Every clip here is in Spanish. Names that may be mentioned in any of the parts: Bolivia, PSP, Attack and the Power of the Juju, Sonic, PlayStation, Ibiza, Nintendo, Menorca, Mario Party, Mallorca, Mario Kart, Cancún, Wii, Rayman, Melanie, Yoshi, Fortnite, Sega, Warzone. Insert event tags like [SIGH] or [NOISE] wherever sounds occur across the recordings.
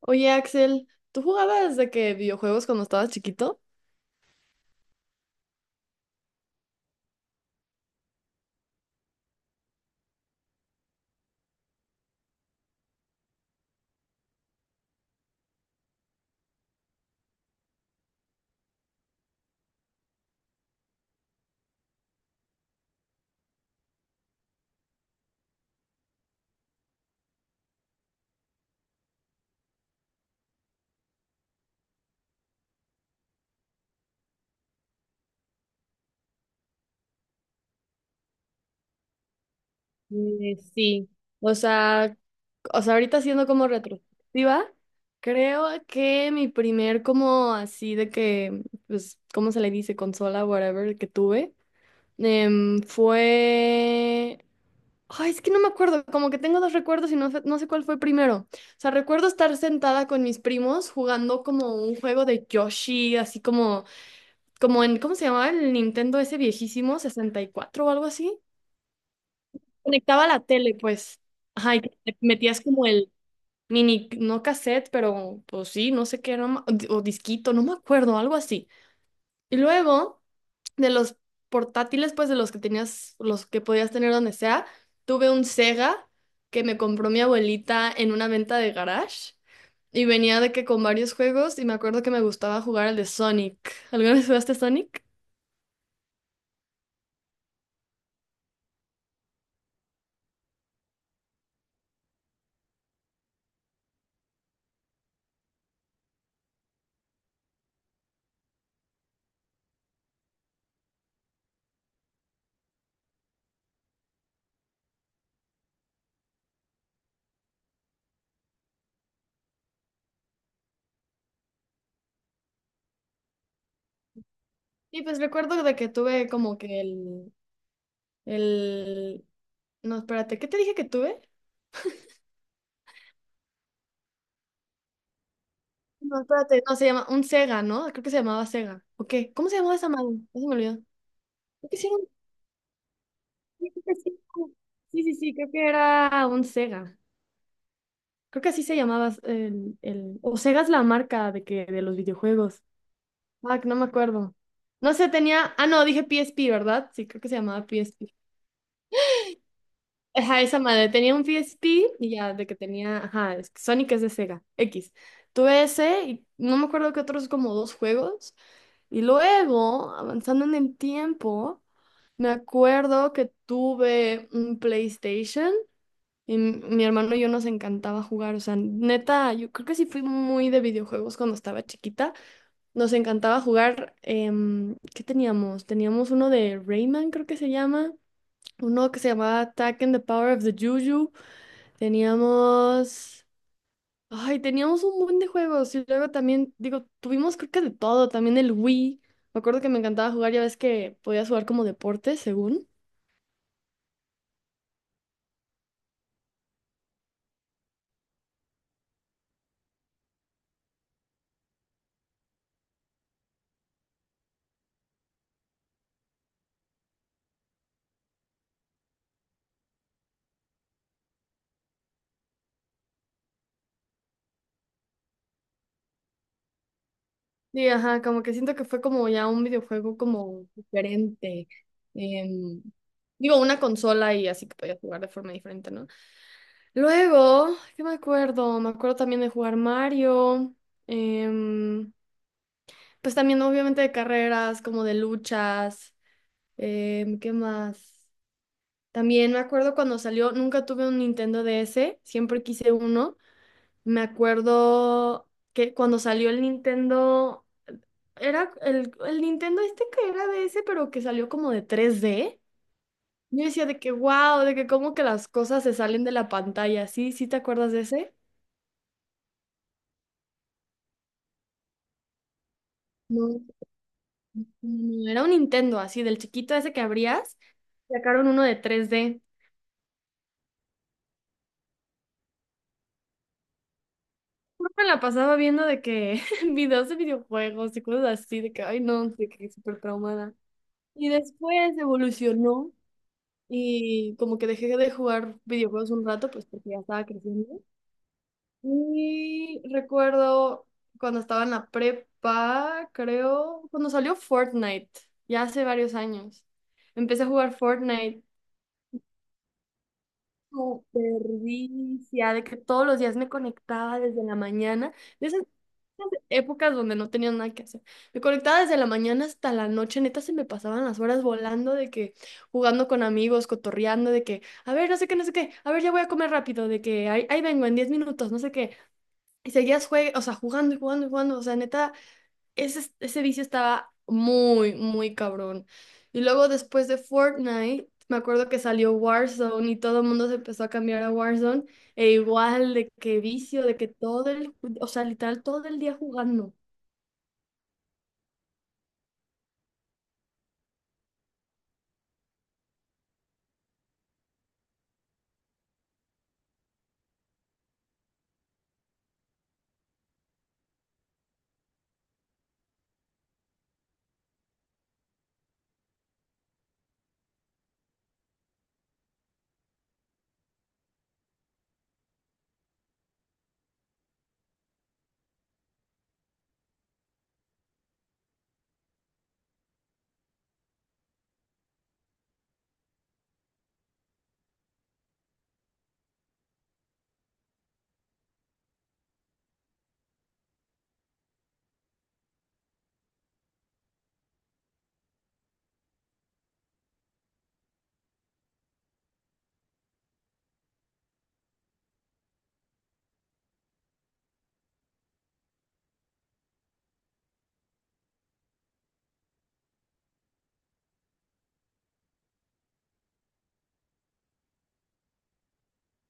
Oye, Axel, ¿tú jugabas de que videojuegos cuando estabas chiquito? Sí, o sea, O sea, ahorita siendo como retrospectiva, creo que mi primer como así de que, pues, ¿cómo se le dice? Consola, whatever, que tuve, fue... Ay, es que no me acuerdo, como que tengo dos recuerdos y no sé cuál fue primero. O sea, recuerdo estar sentada con mis primos jugando como un juego de Yoshi, como en, ¿cómo se llamaba el Nintendo ese viejísimo? 64 o algo así. Conectaba la tele, pues. Ajá, y que te metías como el mini, no cassette, pero pues sí, no sé qué, no ma- o di- o disquito, no me acuerdo, algo así. Y luego, de los portátiles, pues de los que tenías, los que podías tener donde sea, tuve un Sega que me compró mi abuelita en una venta de garage. Y venía de que con varios juegos, y me acuerdo que me gustaba jugar el de Sonic. ¿Alguna vez jugaste Sonic? Y pues recuerdo de que tuve como que el... No, espérate, ¿qué te dije que tuve? No, espérate, no, se llama un Sega, ¿no? Creo que se llamaba Sega. ¿O qué? ¿Cómo se llamaba esa madre? Ya se me olvidó. Creo que sí, sí, creo que sí. Sí, sí, sí, creo que era un Sega. Creo que así se llamaba O Sega es la marca de que de los videojuegos. Ah, que no me acuerdo. No sé, tenía... Ah, no, dije PSP, ¿verdad? Sí, creo que se llamaba PSP. Ajá, esa madre. Tenía un PSP y ya, de que tenía, ajá, es que Sonic es de Sega, X. Tuve ese y no me acuerdo que otros como dos juegos. Y luego, avanzando en el tiempo, me acuerdo que tuve un PlayStation y mi hermano y yo nos encantaba jugar. O sea, neta, yo creo que sí fui muy de videojuegos cuando estaba chiquita. Nos encantaba jugar, ¿qué teníamos? Teníamos uno de Rayman, creo que se llama. Uno que se llamaba Attack and the Power of the Juju. Teníamos, teníamos un buen de juegos y luego también, digo, tuvimos creo que de todo, también el Wii. Me acuerdo que me encantaba jugar, ya ves que podías jugar como deporte, según. Sí, ajá, como que siento que fue como ya un videojuego como diferente. em, Digo, una consola y así que podías jugar de forma diferente, ¿no? Luego, ¿qué me acuerdo? Me acuerdo también de jugar Mario. em, pues también obviamente de carreras, como de luchas. ¿Qué más? También me acuerdo cuando salió, nunca tuve un Nintendo DS, siempre quise uno. Me acuerdo que cuando salió el Nintendo, era el Nintendo este que era DS, pero que salió como de 3D. Yo decía de que, wow, de que como que las cosas se salen de la pantalla. ¿Sí? ¿Sí te acuerdas de ese? No, no, era un Nintendo así, del chiquito ese que abrías, sacaron uno de 3D. Yo me la pasaba viendo de que [LAUGHS] videos de videojuegos y cosas así, de que, ay no, de que súper traumada. Y después evolucionó y como que dejé de jugar videojuegos un rato, pues porque ya estaba creciendo. Y recuerdo cuando estaba en la prepa, creo, cuando salió Fortnite, ya hace varios años. Empecé a jugar Fortnite súper vicia, de que todos los días me conectaba desde la mañana, de esas épocas donde no tenía nada que hacer. Me conectaba desde la mañana hasta la noche, neta se me pasaban las horas volando de que jugando con amigos, cotorreando, de que, a ver, no sé qué, no sé qué, a ver, ya voy a comer rápido, de que ahí vengo en 10 minutos, no sé qué. Y seguías o sea, jugando y jugando y jugando, o sea, neta ese vicio estaba muy, muy cabrón. Y luego después de Fortnite, me acuerdo que salió Warzone y todo el mundo se empezó a cambiar a Warzone. E igual de que vicio, de que o sea, literal todo el día jugando.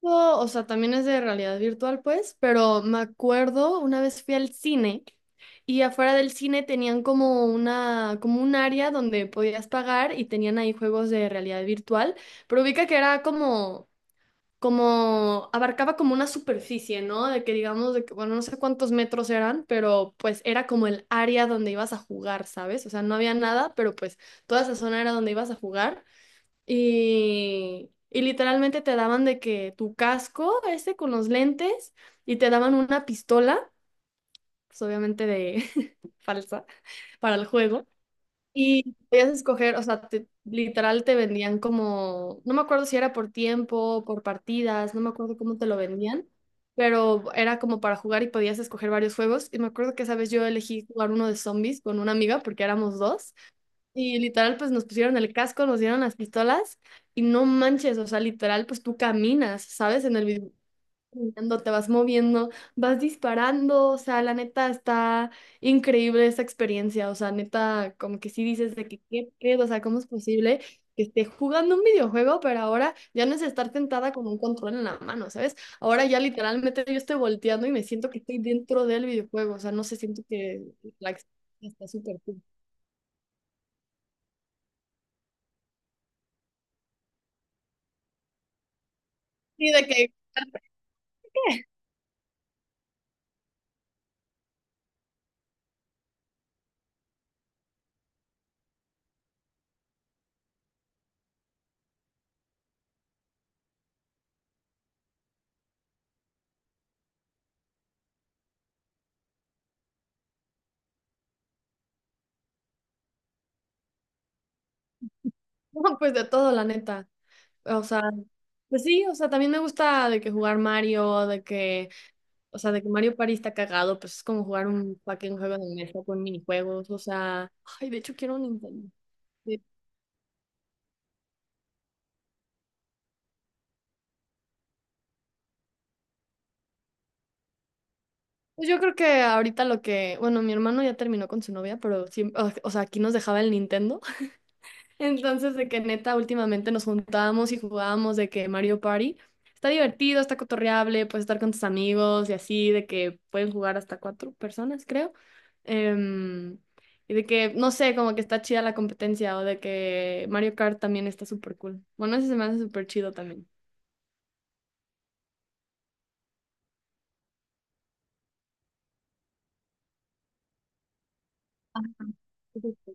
No, o sea, también es de realidad virtual, pues, pero me acuerdo una vez fui al cine y afuera del cine tenían como un área donde podías pagar y tenían ahí juegos de realidad virtual, pero ubica que era como abarcaba como una superficie, ¿no? De que digamos, de que, bueno, no sé cuántos metros eran, pero pues era como el área donde ibas a jugar, ¿sabes? O sea, no había nada, pero pues toda esa zona era donde ibas a jugar y literalmente te daban de que tu casco ese con los lentes y te daban una pistola, pues obviamente de [LAUGHS] falsa, para el juego. Y podías escoger, o sea, literal te vendían como, no me acuerdo si era por tiempo, por partidas, no me acuerdo cómo te lo vendían, pero era como para jugar y podías escoger varios juegos. Y me acuerdo que esa vez yo elegí jugar uno de zombies con una amiga porque éramos dos. Y literal, pues nos pusieron el casco, nos dieron las pistolas y no manches, o sea, literal, pues tú caminas, ¿sabes? En el video brincando, te vas moviendo, vas disparando, o sea, la neta está increíble esa experiencia, o sea, neta, como que sí dices de que qué pedo, o sea, ¿cómo es posible que esté jugando un videojuego? Pero ahora ya no es estar tentada con un control en la mano, ¿sabes? Ahora ya literalmente yo estoy volteando y me siento que estoy dentro del videojuego, o sea, no se siento que la experiencia está súper cool. Sí, de que, [LAUGHS] no, pues de todo, la neta, o sea, pues sí, o sea, también me gusta de que jugar Mario, de que o sea, de que Mario Party está cagado, pues es como jugar un fucking juego de mesa con minijuegos. O sea, ay, de hecho quiero un Nintendo. Sí. Pues yo creo que ahorita lo que, bueno, mi hermano ya terminó con su novia, pero siempre, o sea, aquí nos dejaba el Nintendo. Entonces, de que neta, últimamente nos juntábamos y jugábamos de que Mario Party está divertido, está cotorreable, puedes estar con tus amigos y así, de que pueden jugar hasta cuatro personas, creo. Em, y de que, no sé, como que está chida la competencia o de que Mario Kart también está súper cool. Bueno, ese se me hace súper chido también. Perfecto.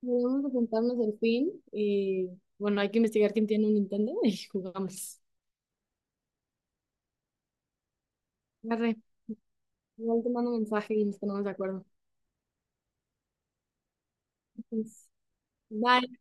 Sí, vamos a juntarnos al fin y bueno, hay que investigar quién tiene un Nintendo y jugamos. Arre, igual te mando un mensaje y nos ponemos de acuerdo. Entonces, bye.